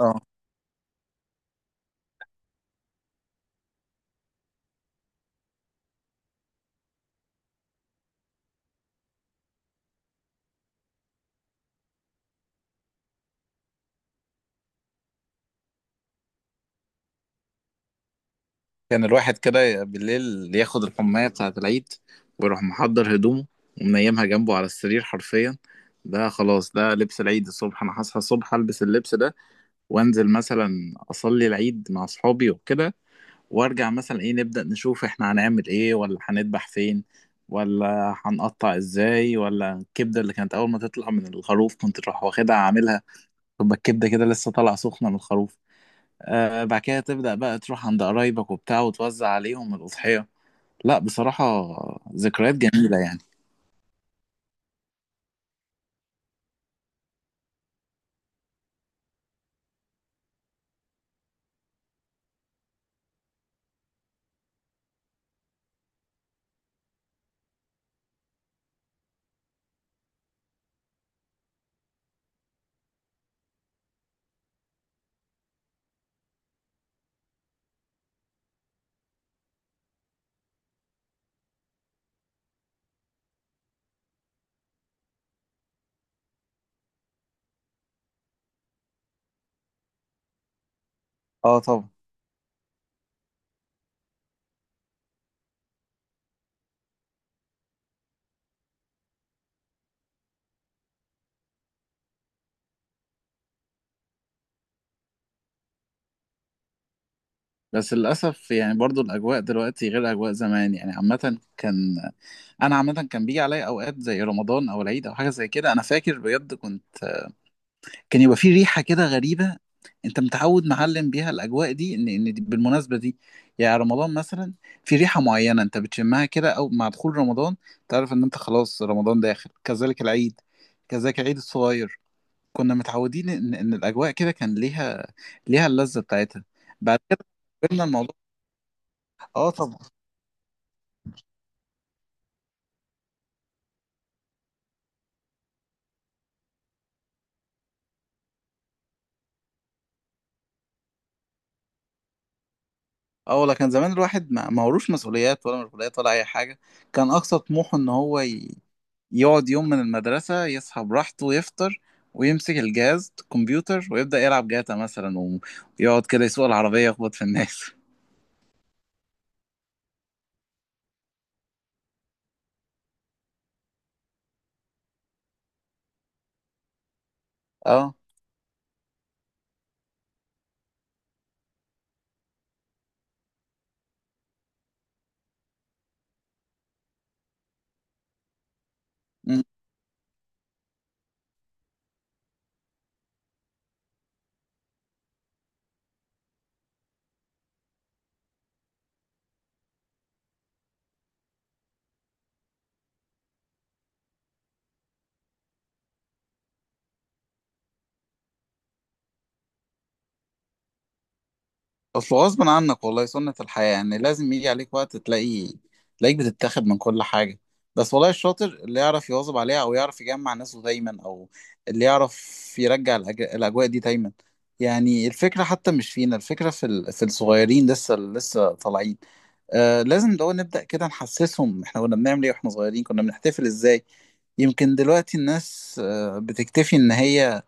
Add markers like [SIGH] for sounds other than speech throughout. اه، كان الواحد كده بالليل ياخد الحماية بتاعة العيد، ويروح محضر هدومه ومنيمها جنبه على السرير حرفيا. ده خلاص ده لبس العيد، الصبح انا هصحى الصبح البس اللبس ده، وانزل مثلا اصلي العيد مع اصحابي وكده. وارجع مثلا ايه، نبدأ نشوف احنا هنعمل ايه، ولا هنذبح فين، ولا هنقطع ازاي، ولا الكبدة اللي كانت اول ما تطلع من الخروف كنت تروح واخدها عاملها، تبقى الكبدة كده لسه طالعة سخنة من الخروف. آه بعد كده تبدأ بقى تروح عند قرايبك وبتاع وتوزع عليهم الأضحية. لا بصراحة ذكريات جميلة يعني. اه طبعا. بس للأسف يعني برضو الأجواء دلوقتي غير أجواء زمان يعني. عامة كان، أنا عامة كان بيجي عليا أوقات زي رمضان أو العيد أو حاجة زي كده. أنا فاكر بجد كنت، كان يبقى في ريحة كده غريبة. انت متعود معلم بيها الاجواء دي ان دي بالمناسبة دي، يعني رمضان مثلا في ريحة معينة انت بتشمها كده، او مع دخول رمضان تعرف ان انت خلاص رمضان داخل. كذلك العيد، كذلك العيد الصغير، كنا متعودين ان الاجواء كده كان ليها، ليها اللذة بتاعتها. بعد كده قلنا الموضوع. اه طبعا. اه ولا كان زمان الواحد ما وروش مسؤوليات ولا مشغوليات ولا اي حاجه. كان اقصى طموحه ان هو يقعد يوم من المدرسة، يصحى براحته، يفطر، ويمسك الجهاز الكمبيوتر ويبدأ يلعب جاتا مثلا ويقعد كده يسوق العربية يخبط في الناس. [LAUGHS] اه، اصل غصب عنك والله سنة الحياة يعني. لازم يجي عليك وقت تلاقي، تلاقيك بتتاخد من كل حاجة. بس والله الشاطر اللي يعرف يواظب عليها، او يعرف يجمع ناسه دايما، او اللي يعرف يرجع الاجواء دي دايما. يعني الفكرة حتى مش فينا، الفكرة في في الصغيرين لسه لسه طالعين. آه لازم لو نبدأ كده نحسسهم احنا كنا بنعمل ايه واحنا صغيرين، كنا بنحتفل ازاي. يمكن دلوقتي الناس آه بتكتفي ان هي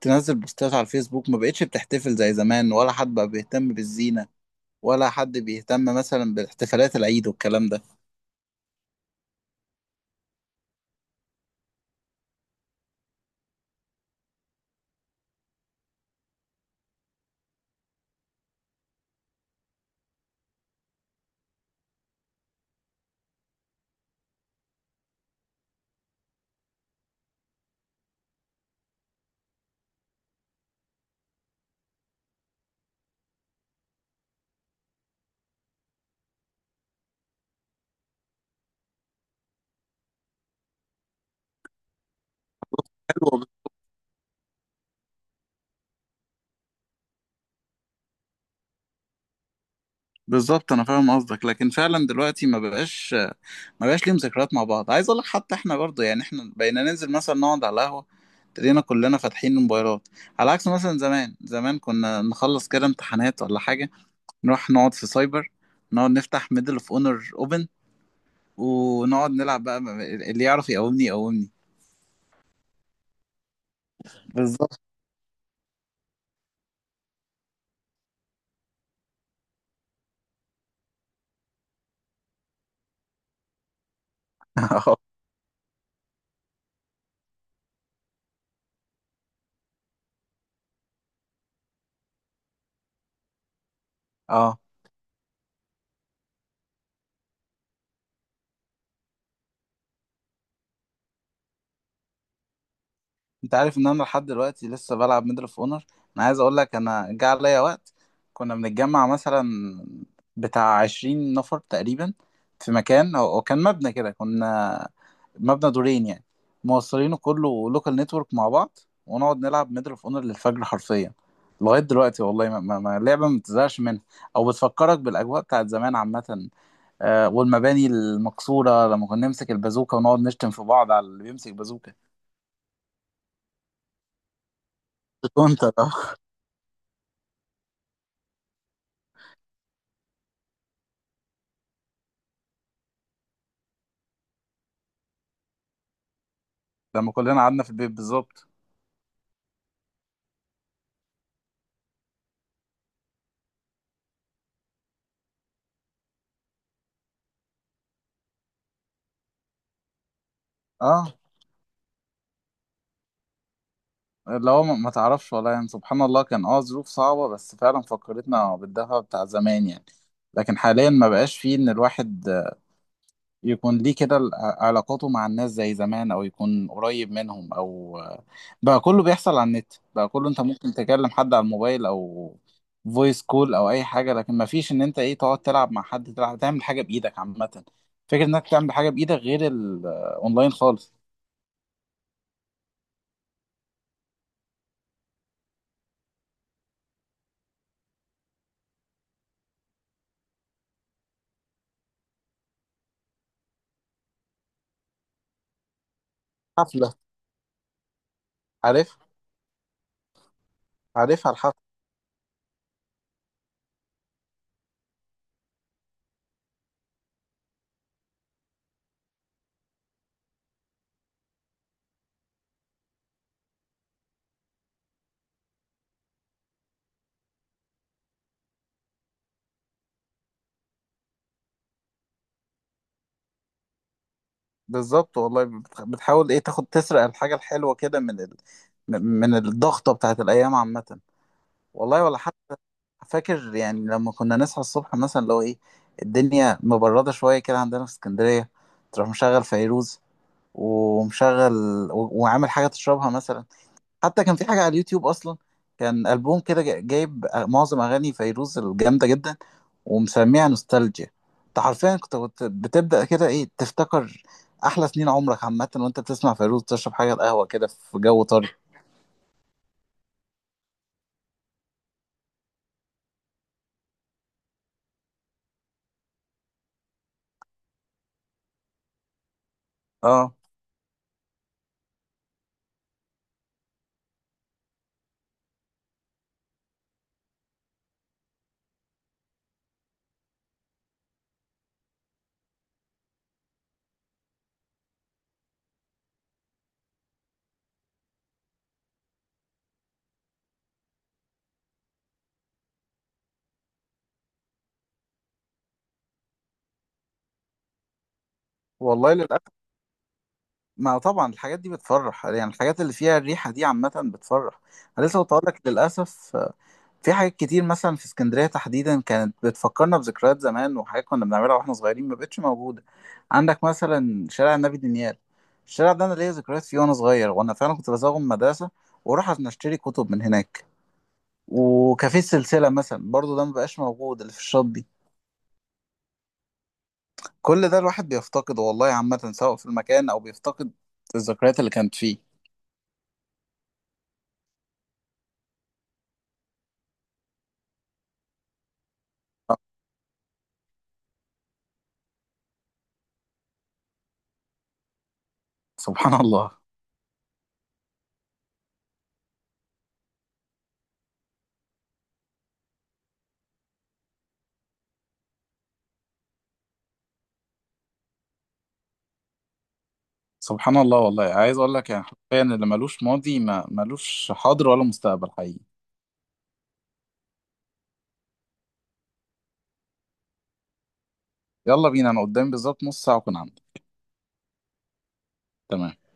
تنزل بوستات على الفيسبوك، ما بقتش بتحتفل زي زمان، ولا حد بقى بيهتم بالزينة، ولا حد بيهتم مثلا بالاحتفالات العيد والكلام ده. أيوة، بالظبط. انا فاهم قصدك، لكن فعلا دلوقتي ما بقاش ليهم ذكريات مع بعض. عايز اقول لك حتى احنا برضه يعني احنا بقينا ننزل مثلا نقعد على القهوة، تلاقينا كلنا فاتحين الموبايلات. على عكس مثلا زمان، كنا نخلص كده امتحانات ولا حاجة، نروح نقعد في سايبر، نقعد نفتح ميدل اوف اونر اوبن، ونقعد نلعب بقى، اللي يعرف يقومني يقومني. بالظبط. [LAUGHS] اه، انت عارف ان انا لحد دلوقتي لسه بلعب ميدل اوف اونر. انا عايز اقول لك انا جه عليا وقت كنا بنتجمع مثلا بتاع 20 نفر تقريبا، في مكان او أو كان مبنى كده، كنا مبنى دورين يعني، موصلينه كله لوكال نتورك مع بعض، ونقعد نلعب ميدل اوف اونر للفجر حرفيا. لغايه دلوقتي والله ما لعبه ما بتزهقش منها، او بتفكرك بالاجواء بتاعت زمان عامه. آه والمباني المكسوره لما كنا نمسك البازوكه، ونقعد نشتم في بعض على اللي بيمسك بازوكه. كنت اه. لما كلنا قعدنا في البيت بالظبط. اه اللي هو ما تعرفش والله يعني، سبحان الله كان اه ظروف صعبة، بس فعلا فكرتنا بالدفى بتاع زمان يعني. لكن حاليا ما بقاش فيه ان الواحد يكون ليه كده علاقاته مع الناس زي زمان، او يكون قريب منهم، او بقى كله بيحصل على النت. بقى كله انت ممكن تكلم حد على الموبايل، او فويس كول، او اي حاجة. لكن ما فيش ان انت ايه تقعد تلعب مع حد، تلعب تعمل حاجة بايدك عامة. فكرة انك تعمل حاجة بايدك غير الاونلاين خالص. حفلة. عارف. عارفها الحفر. بالظبط. والله بتحاول ايه تاخد تسرق الحاجة الحلوة كده من من الضغطة بتاعت الأيام عامة. والله ولا حتى. فاكر يعني لما كنا نصحى الصبح مثلا، لو ايه الدنيا مبردة شوية كده عندنا في اسكندرية، تروح مشغل فيروز، ومشغل، وعامل حاجة تشربها مثلا. حتى كان في حاجة على اليوتيوب أصلا، كان ألبوم كده جايب معظم أغاني فيروز الجامدة جدا، ومسميها نوستالجيا. أنت حرفيا كنت بتبدأ كده إيه تفتكر أحلى سنين عمرك عامة، وأنت بتسمع فيروز تشرب حاجة القهوة كده في جو طري. أه. والله للأسف. ما طبعا الحاجات دي بتفرح يعني، الحاجات اللي فيها الريحة دي عامة بتفرح. أنا لسه كنت هقول لك، للأسف في حاجات كتير مثلا في اسكندرية تحديدا كانت بتفكرنا بذكريات زمان وحاجات كنا بنعملها واحنا صغيرين، ما بقتش موجودة. عندك مثلا شارع النبي دانيال، الشارع ده انا ليا ذكريات فيه وانا صغير، وانا فعلا كنت بزوغ من المدرسة واروح عشان اشتري كتب من هناك. وكافيه السلسلة مثلا برضو ده ما بقاش موجود، اللي في الشاطبي. كل ده الواحد بيفتقده والله، عامة سواء في المكان او بيفتقد الذكريات اللي كانت فيه. سبحان الله. سبحان الله والله. عايز اقول لك يعني حرفيا اللي ملوش ماضي ما ملوش حاضر ولا مستقبل حقيقي. يلا بينا، انا قدامي بالظبط نص ساعة واكون عندك. تمام.